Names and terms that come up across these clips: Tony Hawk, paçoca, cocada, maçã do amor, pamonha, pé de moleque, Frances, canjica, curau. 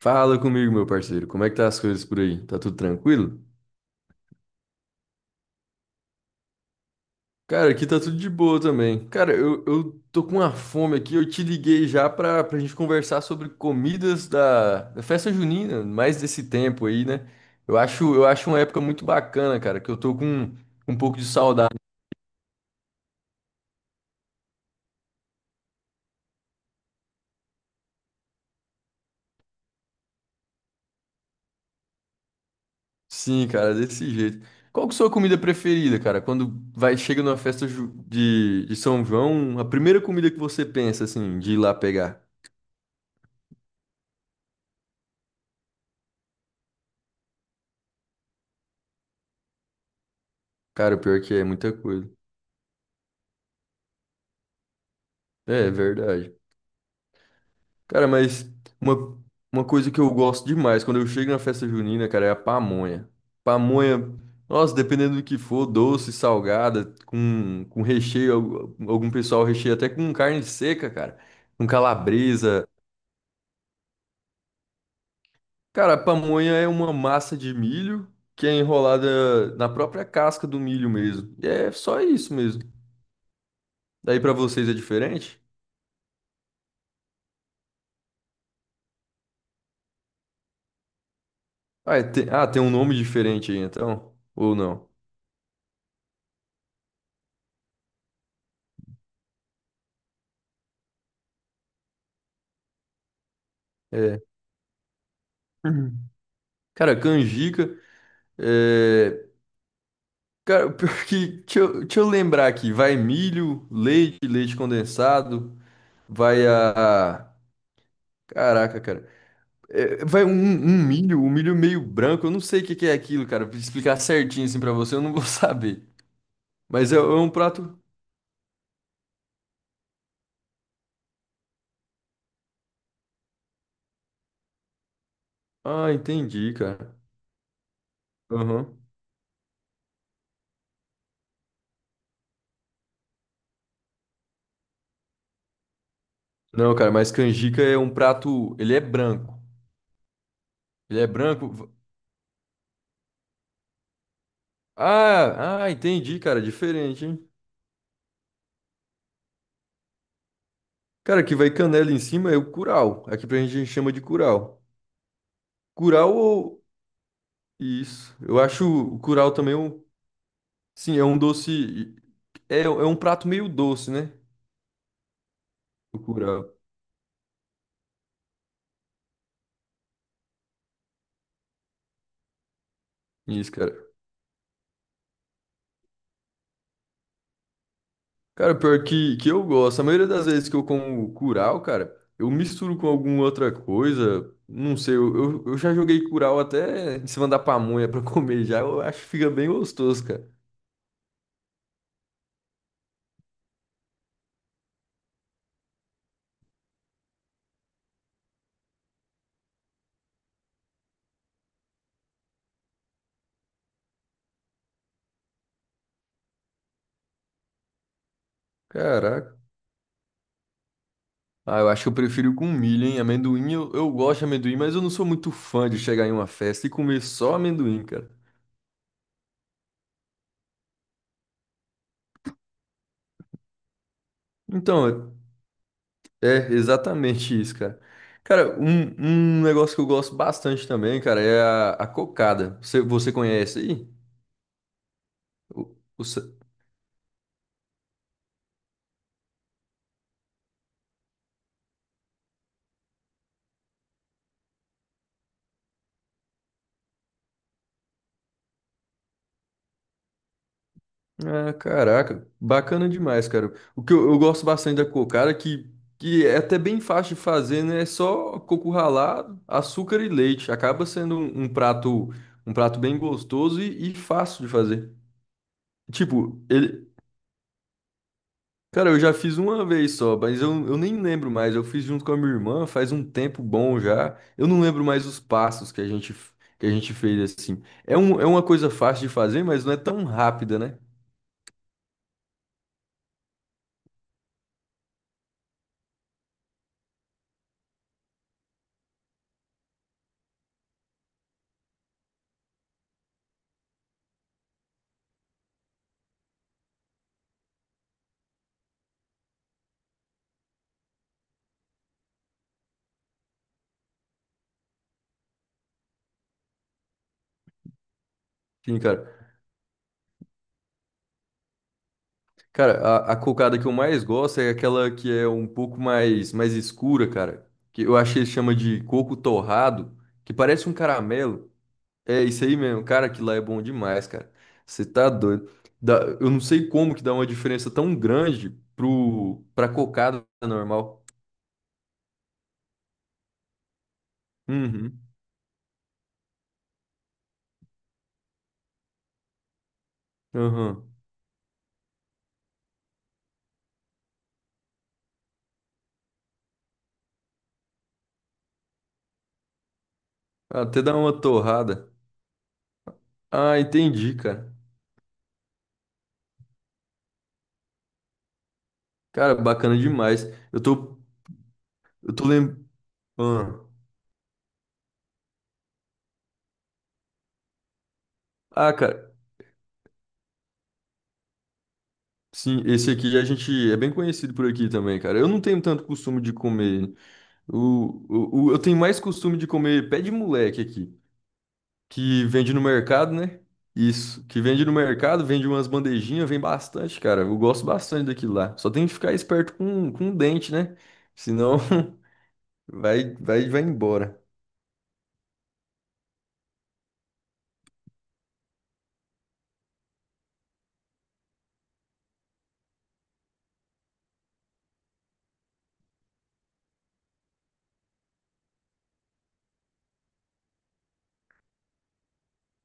Fala comigo, meu parceiro. Como é que tá as coisas por aí? Tá tudo tranquilo? Cara, aqui tá tudo de boa também. Cara, eu tô com uma fome aqui. Eu te liguei já pra gente conversar sobre comidas da festa junina, mais desse tempo aí, né? Eu acho uma época muito bacana, cara, que eu tô com um pouco de saudade. Sim, cara, desse jeito. Qual que é a sua comida preferida, cara? Quando vai, chega numa festa de São João, a primeira comida que você pensa, assim, de ir lá pegar? Cara, o pior é que é muita coisa. É verdade. Cara, mas uma, uma coisa que eu gosto demais quando eu chego na festa junina, cara, é a pamonha. Pamonha, nossa, dependendo do que for, doce, salgada, com recheio, algum pessoal recheia até com carne seca, cara, com calabresa. Cara, a pamonha é uma massa de milho que é enrolada na própria casca do milho mesmo. E é só isso mesmo. Daí pra vocês é diferente? Ah, tem um nome diferente aí então? Ou não? É. Uhum. Cara, canjica. É, cara, o pior é que. Deixa eu lembrar aqui. Vai milho, leite, leite condensado. Vai a. a- Caraca, cara. É, vai um milho meio branco. Eu não sei o que que é aquilo, cara. Pra explicar certinho assim pra você, eu não vou saber. Mas é um prato. Ah, entendi, cara. Aham. Não, cara, mas canjica é um prato. Ele é branco. Ele é branco. Ah, entendi, cara. Diferente, hein? Cara, que vai canela em cima é o curau. Aqui pra gente a gente chama de curau. Curau ou. Isso. Eu acho o curau também um. Sim, é um doce. É, é um prato meio doce, né? O curau. Isso, cara. Cara, pior que eu gosto. A maioria das vezes que eu como curau, cara, eu misturo com alguma outra coisa. Não sei, eu já joguei curau até em cima da pamonha pra comer já. Eu acho que fica bem gostoso, cara. Caraca. Ah, eu acho que eu prefiro com milho, hein? Amendoim, eu gosto de amendoim, mas eu não sou muito fã de chegar em uma festa e comer só amendoim, cara. Então, é exatamente isso, cara. Cara, um negócio que eu gosto bastante também, cara, é a cocada. Você conhece aí? O, o sa- ah, caraca, bacana demais, cara. O que eu gosto bastante da cocada, que é até bem fácil de fazer, né? É só coco ralado, açúcar e leite. Acaba sendo um, um prato bem gostoso e fácil de fazer. Tipo, ele, Cara, eu já fiz uma vez só, mas eu nem lembro mais. Eu fiz junto com a minha irmã faz um tempo bom já. Eu não lembro mais os passos que que a gente fez assim. É, um, é uma coisa fácil de fazer, mas não é tão rápida, né? Sim, cara. Cara, a cocada que eu mais gosto é aquela que é um pouco mais, mais escura, cara. Que eu achei que chama de coco torrado, que parece um caramelo. É isso aí mesmo, cara, aquilo lá é bom demais, cara. Você tá doido. Eu não sei como que dá uma diferença tão grande pra cocada normal. Uhum, aham. Até dá uma torrada. Ah, entendi, cara. Cara, bacana demais. Eu tô, eu tô lembrando. Ah, cara, sim, esse aqui a gente é bem conhecido por aqui também, cara. Eu não tenho tanto costume de comer. Eu tenho mais costume de comer pé de moleque aqui, que vende no mercado, né? Isso, que vende no mercado, vende umas bandejinhas, vem bastante, cara. Eu gosto bastante daquilo lá. Só tem que ficar esperto com o dente, né? Senão vai embora.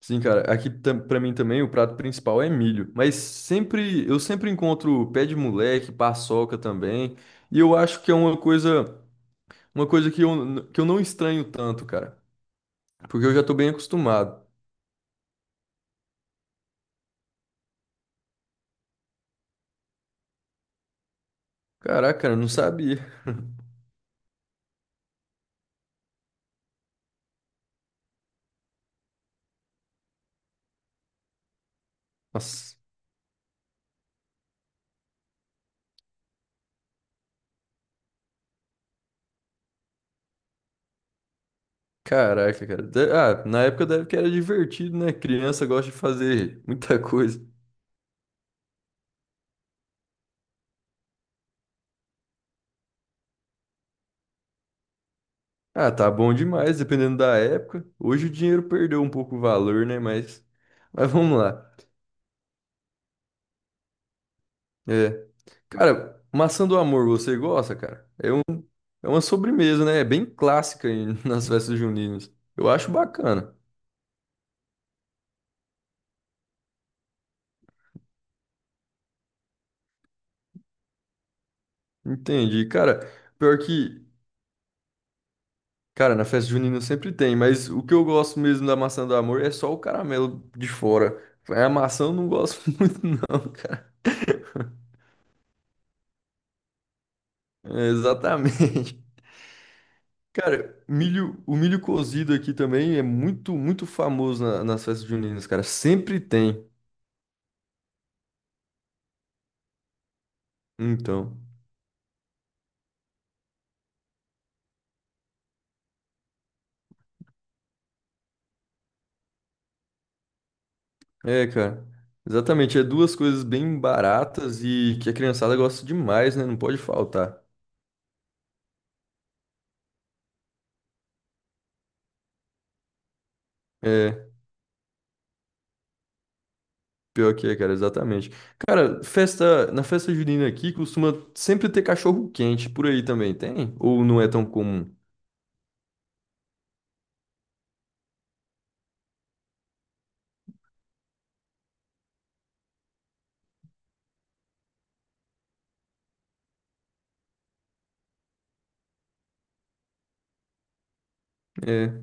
Sim, cara, aqui pra mim também o prato principal é milho, mas sempre encontro pé de moleque, paçoca também, e eu acho que é uma coisa que que eu não estranho tanto, cara, porque eu já tô bem acostumado. Caraca, cara, eu não sabia. Nossa. Caraca, cara. Ah, na época deve que era divertido, né? Criança gosta de fazer muita coisa. Ah, tá bom demais, dependendo da época. Hoje o dinheiro perdeu um pouco o valor, né? Mas vamos lá. É. Cara, maçã do amor, você gosta, cara? É uma sobremesa, né? É bem clássica nas festas juninas. Eu acho bacana. Entendi. Cara, pior que cara, na festa junina sempre tem, mas o que eu gosto mesmo da maçã do amor é só o caramelo de fora. A maçã eu não gosto muito, não, cara. É, exatamente. Cara, milho, o milho cozido aqui também é muito famoso nas festas juninas, cara. Sempre tem. Então, é, cara. Exatamente. É duas coisas bem baratas e que a criançada gosta demais, né? Não pode faltar. É pior que é, cara, exatamente. Cara, na festa junina aqui costuma sempre ter cachorro quente por aí também, tem? Ou não é tão comum? É.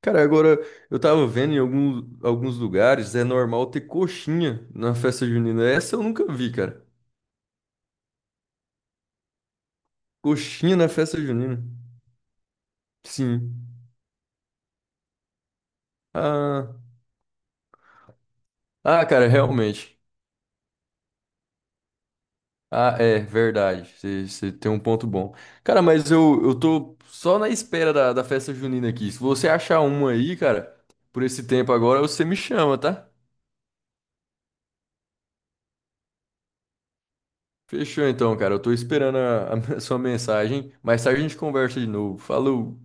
Cara, agora eu tava vendo em algum, alguns lugares é normal ter coxinha na festa junina. Essa eu nunca vi, cara. Coxinha na festa junina. Sim. Ah, ah, cara, realmente. Ah, é verdade. Você tem um ponto bom. Cara, mas eu tô só na espera da festa junina aqui. Se você achar uma aí, cara, por esse tempo agora, você me chama, tá? Fechou então, cara. Eu tô esperando a sua mensagem. Mais tarde a gente conversa de novo. Falou!